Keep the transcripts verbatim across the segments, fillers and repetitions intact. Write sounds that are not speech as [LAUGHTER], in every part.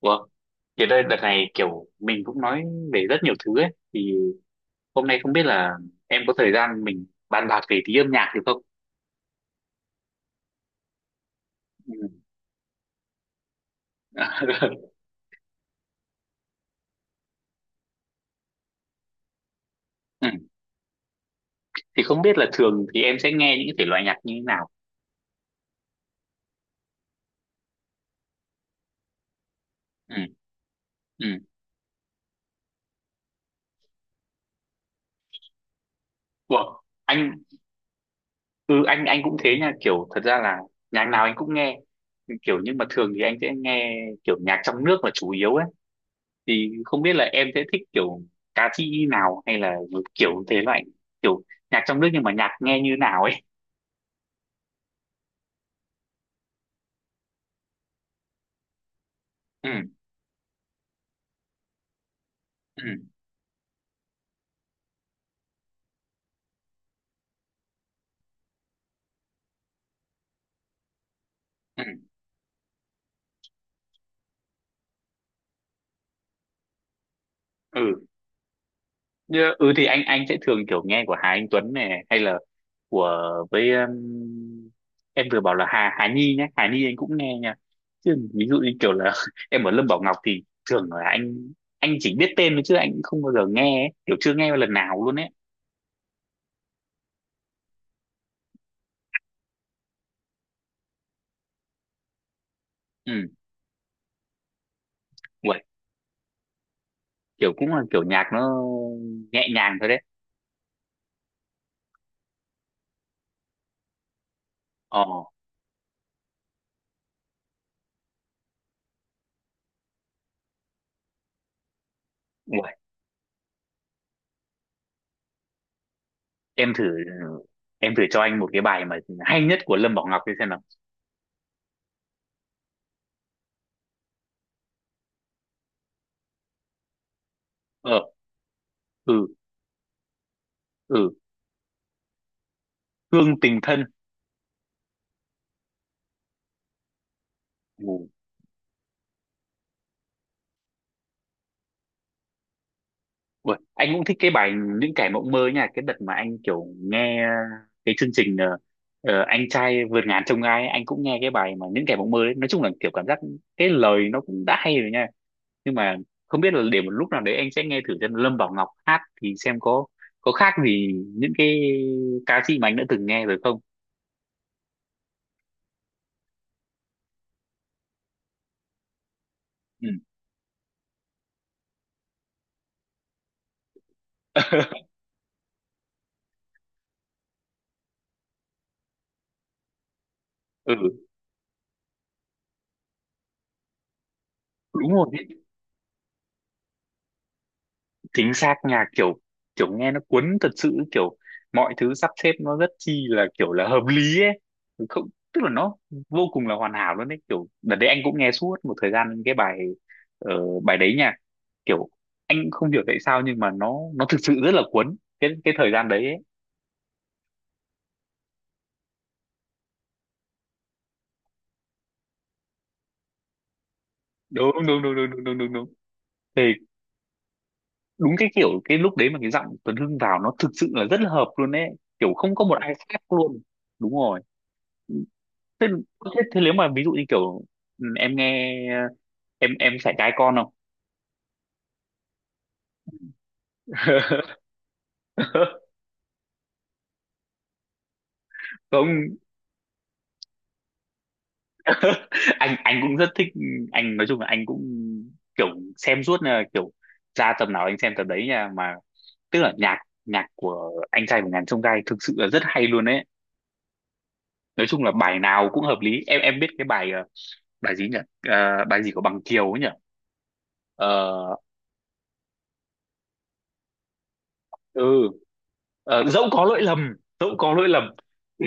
Ủa, thì đây đợt này kiểu mình cũng nói về rất nhiều thứ ấy thì hôm nay không biết là em có thời gian mình bàn bạc về tí âm nhạc được không? Ừ. [LAUGHS] Ừ. Thì không biết là thường thì em sẽ nghe những cái thể loại nhạc như thế nào? Ừ. Ừ. Ủa, anh ừ anh anh cũng thế nha, kiểu thật ra là nhạc nào anh cũng nghe. Kiểu nhưng mà thường thì anh sẽ nghe kiểu nhạc trong nước là chủ yếu ấy. Thì không biết là em sẽ thích kiểu ca sĩ nào hay là một kiểu thể loại kiểu nhạc trong nước nhưng mà nhạc nghe như nào ấy. ừ ừ ừ ừ Như- ừ thì anh anh sẽ thường kiểu nghe của Hà Anh Tuấn này hay là của với um, em vừa bảo là Hà Hà Nhi nhé, Hà Nhi anh cũng nghe nha, chứ ví dụ như kiểu là [LAUGHS] em ở Lâm Bảo Ngọc thì thường là anh anh chỉ biết tên thôi, chứ anh cũng không bao giờ nghe ấy, kiểu chưa nghe lần nào luôn ấy. ừ uầy, Kiểu cũng là kiểu nhạc nó nhẹ nhàng thôi đấy. ờ uầy, em thử em thử cho anh một cái bài mà hay nhất của Lâm Bảo Ngọc đi xem nào. ờ ừ ừ Hương tình thân. Ủa, anh cũng thích cái bài những kẻ mộng mơ nha, cái đợt mà anh kiểu nghe cái chương trình ờ, ờ, anh trai vượt ngàn chông gai, anh cũng nghe cái bài mà những kẻ mộng mơ đấy. Nói chung là kiểu cảm giác cái lời nó cũng đã hay rồi nha, nhưng mà không biết là để một lúc nào đấy anh sẽ nghe thử xem Lâm Bảo Ngọc hát thì xem có có khác gì những cái ca sĩ mà anh đã từng nghe rồi không. ừ, [LAUGHS] ừ đúng rồi, chính xác, nhạc kiểu kiểu nghe nó cuốn thật sự, kiểu mọi thứ sắp xếp nó rất chi là kiểu là hợp lý ấy. Không, tức là nó vô cùng là hoàn hảo luôn đấy, kiểu đợt đấy anh cũng nghe suốt một thời gian cái bài ờ, bài đấy nha, kiểu anh không hiểu tại sao nhưng mà nó nó thực sự rất là cuốn cái cái thời gian đấy ấy. Đúng đúng đúng đúng đúng đúng đúng đúng thì đúng, cái kiểu cái lúc đấy mà cái giọng Tuấn Hưng vào nó thực sự là rất là hợp luôn ấy, kiểu không có một ai khác luôn. Đúng rồi. thế, thế, Thế nếu mà ví dụ như kiểu ừ, em nghe em em phải trai con không? [LAUGHS] Không, anh anh cũng rất thích, anh nói chung là anh cũng kiểu xem suốt, là kiểu ra tầm nào anh xem tầm đấy nha mà, tức là nhạc nhạc của anh trai của ngàn chông gai thực sự là rất hay luôn đấy. Nói chung là bài nào cũng hợp lý. Em em biết cái bài ờ, bài gì nhỉ? Ờ, bài gì của Bằng Kiều ấy nhỉ? Ờ, ừ Ờ, Dẫu có lỗi lầm, dẫu có lỗi lầm. Ê,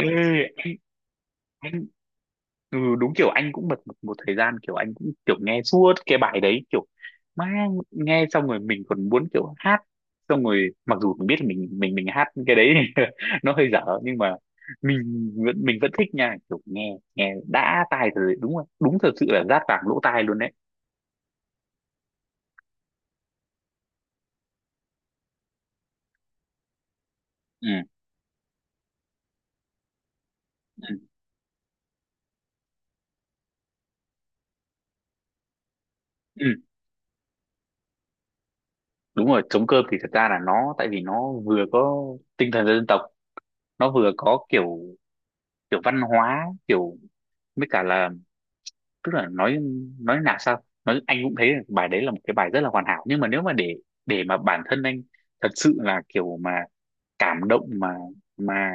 ừ đúng, kiểu anh cũng bật một, một thời gian kiểu anh cũng kiểu nghe suốt cái bài đấy, kiểu mang nghe xong rồi mình còn muốn kiểu hát, xong rồi mặc dù mình biết là mình mình mình hát cái đấy [LAUGHS] nó hơi dở, nhưng mà mình vẫn mình vẫn thích nha, kiểu nghe nghe đã tai rồi. Đúng rồi, đúng, thật sự là rát vàng lỗ tai luôn đấy. ừ, ừ, ừ. Đúng rồi, trống cơm thì thật ra là nó tại vì nó vừa có tinh thần dân tộc, nó vừa có kiểu kiểu văn hóa, kiểu với cả là tức là nói nói nào sao nói anh cũng thấy là bài đấy là một cái bài rất là hoàn hảo, nhưng mà nếu mà để để mà bản thân anh thật sự là kiểu mà cảm động mà mà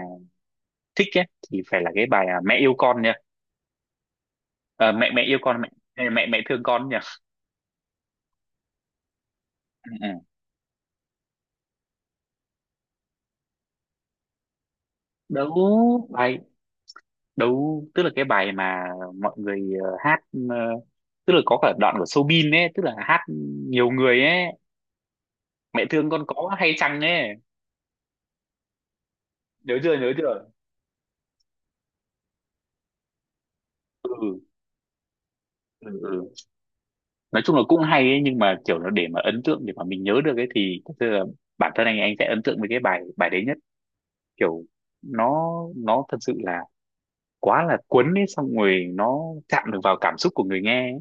thích ấy, thì phải là cái bài à, mẹ yêu con nha. Ờ, mẹ mẹ yêu con, mẹ mẹ mẹ mẹ thương con nha. Ừ. Ừ. đấu Bài đấu, tức là cái bài mà mọi người ờ, hát, ờ, tức là có cả đoạn của Soobin ấy, tức là hát nhiều người ấy, mẹ thương con có hay chăng ấy. Nhớ chưa, nhớ chưa? ừ, ừ. ừ. Nói chung là cũng hay ấy, nhưng mà kiểu nó để mà ấn tượng, để mà mình nhớ được ấy thì thật sự là bản thân anh anh sẽ ấn tượng với cái bài bài đấy nhất, kiểu nó nó thật sự là quá là cuốn ấy, xong rồi nó chạm được vào cảm xúc của người nghe ấy.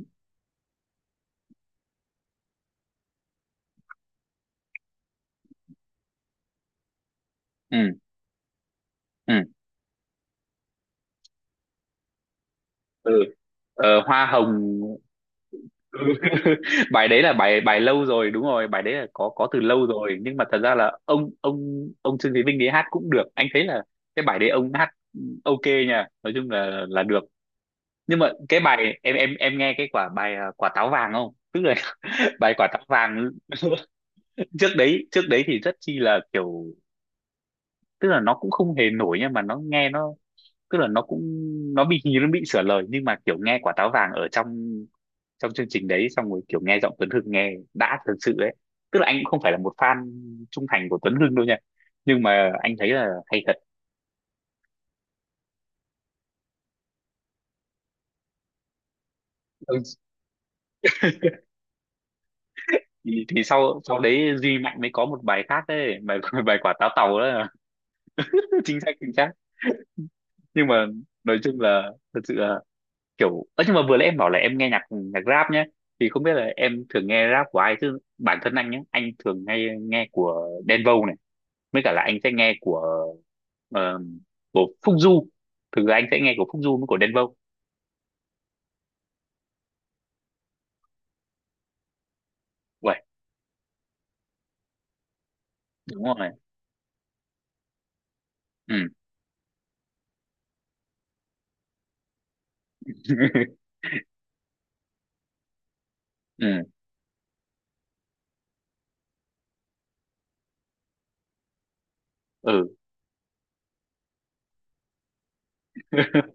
ừ ừ ừ ờ, Hoa hồng. [LAUGHS] Bài đấy là bài bài lâu rồi, đúng rồi, bài đấy là có có từ lâu rồi, nhưng mà thật ra là ông ông ông Trương Thế Vinh đấy hát cũng được, anh thấy là cái bài đấy ông hát ừ, ok nha, nói chung là là được. Nhưng mà cái bài em em em nghe cái quả bài à, quả táo vàng không, tức là [LAUGHS] bài quả táo vàng [LAUGHS] trước đấy, trước đấy thì rất chi là kiểu tức là nó cũng không hề nổi, nhưng mà nó nghe nó tức là nó cũng nó bị hình như nó bị sửa lời, nhưng mà kiểu nghe quả táo vàng ở trong trong chương trình đấy xong rồi kiểu nghe giọng Tuấn Hưng nghe đã thật sự đấy, tức là anh cũng không phải là một fan trung thành của Tuấn Hưng đâu nha, nhưng mà anh thấy là hay thật. Ừ, thì, thì sau sau đấy Duy Mạnh mới có một bài khác đấy, bài [LAUGHS] bài quả táo tàu đó. [LAUGHS] Chính xác, chính xác. Nhưng mà nói chung là thật sự là kiểu, ơ nhưng mà vừa nãy em bảo là em nghe nhạc nhạc rap nhé, thì không biết là em thường nghe rap của ai, chứ bản thân anh nhé, anh thường nghe nghe của Đen Vâu này, mới cả là anh sẽ nghe của ờ, của Phúc Du, thực ra anh sẽ nghe của Phúc Du với của Đen Vâu. Vậy đúng rồi. Ừ [LAUGHS] ừ ừ [LAUGHS]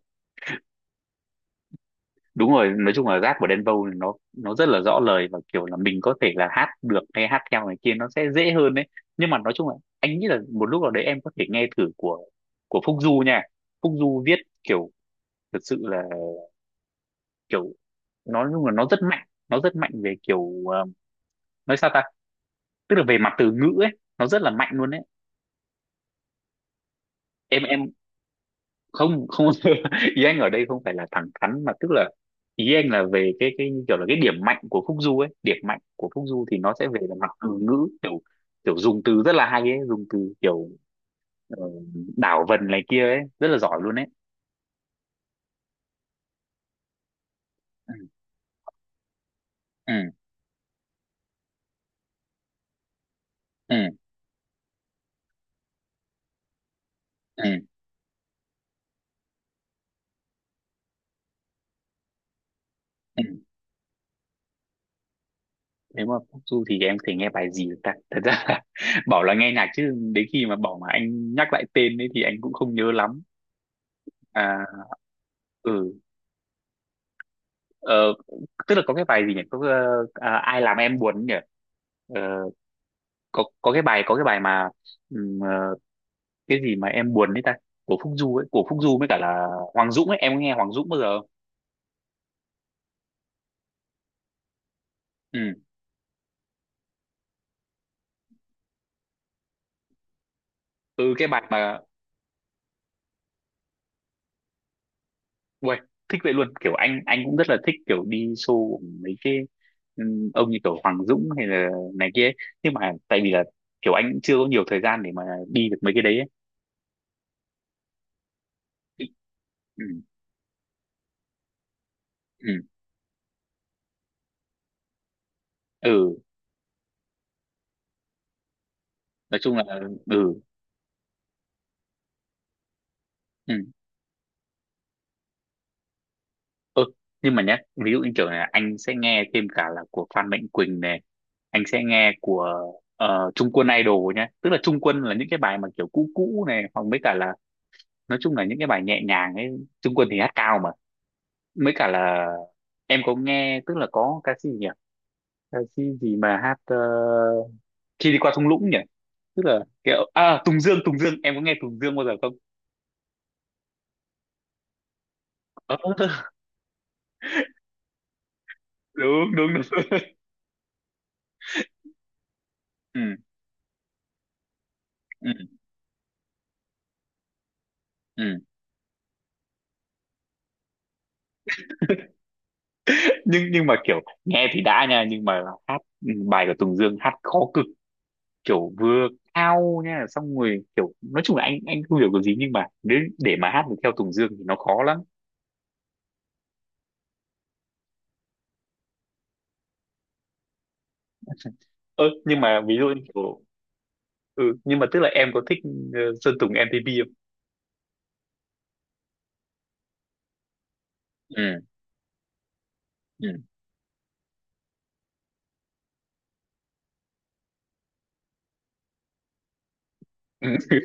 Đúng rồi, nói chung là rap của Đen Vâu thì nó nó rất là rõ lời, và kiểu là mình có thể là hát được hay hát theo này kia, nó sẽ dễ hơn đấy. Nhưng mà nói chung là anh nghĩ là một lúc nào đấy em có thể nghe thử của của Phúc Du nha. Phúc Du viết kiểu thật sự là kiểu nó nói chung là nó rất mạnh, nó rất mạnh về kiểu ờ, nói sao ta, tức là về mặt từ ngữ ấy, nó rất là mạnh luôn đấy. em em Không, không, [LAUGHS] Yang ở đây không phải là thẳng thắn, mà tức là Yang là về cái cái kiểu là cái điểm mạnh của Phúc Du ấy, điểm mạnh của Phúc Du thì nó sẽ về là mặt từ ngữ, kiểu kiểu dùng từ rất là hay ấy, dùng từ kiểu ờ, đảo vần này kia ấy, rất là giỏi luôn ấy. ừ ừ ừ ừ ừ. Nếu mà Phúc Du thì em thể nghe bài gì được ta, thật ra là [LAUGHS] bảo là nghe nhạc chứ đến khi mà bảo mà anh nhắc lại tên ấy thì anh cũng không nhớ lắm. à ừ Ờ, Tức là có cái bài gì nhỉ? Có ờ, à, ai làm em buồn nhỉ? Ờ, có có cái bài có cái bài mà ừm, ờ, cái gì mà em buồn đấy ta? Của Phúc Du ấy, của Phúc Du với cả là Hoàng Dũng ấy, em có nghe Hoàng Dũng bao giờ không? Ừ, ừ cái bài mà uầy, thích vậy luôn, kiểu anh anh cũng rất là thích kiểu đi show của mấy cái ừm, ông như kiểu Hoàng Dũng hay là này kia ấy. Nhưng mà tại vì là kiểu anh cũng chưa có nhiều thời gian để mà đi được mấy cái đấy ấy. Ừ, ừ, ừ, nói chung là ừ, ừ Ừ, nhưng mà nhé, ví dụ như kiểu là anh sẽ nghe thêm cả là của Phan Mạnh Quỳnh này, anh sẽ nghe của ờ, Trung Quân Idol nhé. Tức là Trung Quân là những cái bài mà kiểu cũ cũ này, hoặc mấy cả là nói chung là những cái bài nhẹ nhàng ấy. Trung Quân thì hát cao mà. Mấy cả là em có nghe, tức là có ca sĩ gì nhỉ? Ca sĩ gì mà hát ờ, khi đi qua thung lũng nhỉ? Tức là kiểu à Tùng Dương, Tùng Dương, em có nghe Tùng Dương bao giờ không? Ờ, [LAUGHS] Đúng đúng đúng. [LAUGHS] Ừ, ừ, ừ. nhưng nhưng mà kiểu nghe thì đã nha, nhưng mà hát bài của Tùng Dương hát khó cực, kiểu vừa cao nha, xong rồi kiểu nói chung là anh anh không hiểu cái gì, nhưng mà nếu để mà hát được theo Tùng Dương thì nó khó lắm. Ơ nhưng mà ví dụ như kiểu ừ, nhưng mà tức là em có thích ờ, Sơn Tùng M-em tê pê không? Ừ ừ [LAUGHS] ừ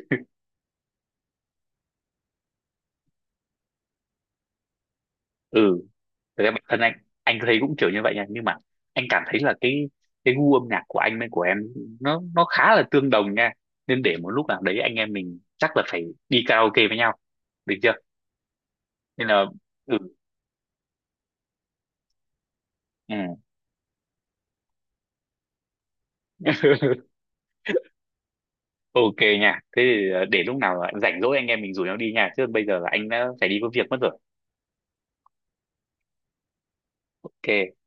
ừ Thật ra bản thân anh anh thấy cũng kiểu như vậy nha, nhưng mà anh cảm thấy là cái cái gu âm nhạc của anh với của em nó nó khá là tương đồng nha, nên để một lúc nào đấy anh em mình chắc là phải đi karaoke với nhau, được chưa? Nên là ừ, ừ. [LAUGHS] ok nha, thế thì ờ, để lúc nào rảnh rỗi anh em mình rủ nhau đi nha, chứ bây giờ là anh đã phải đi có việc mất rồi. Ok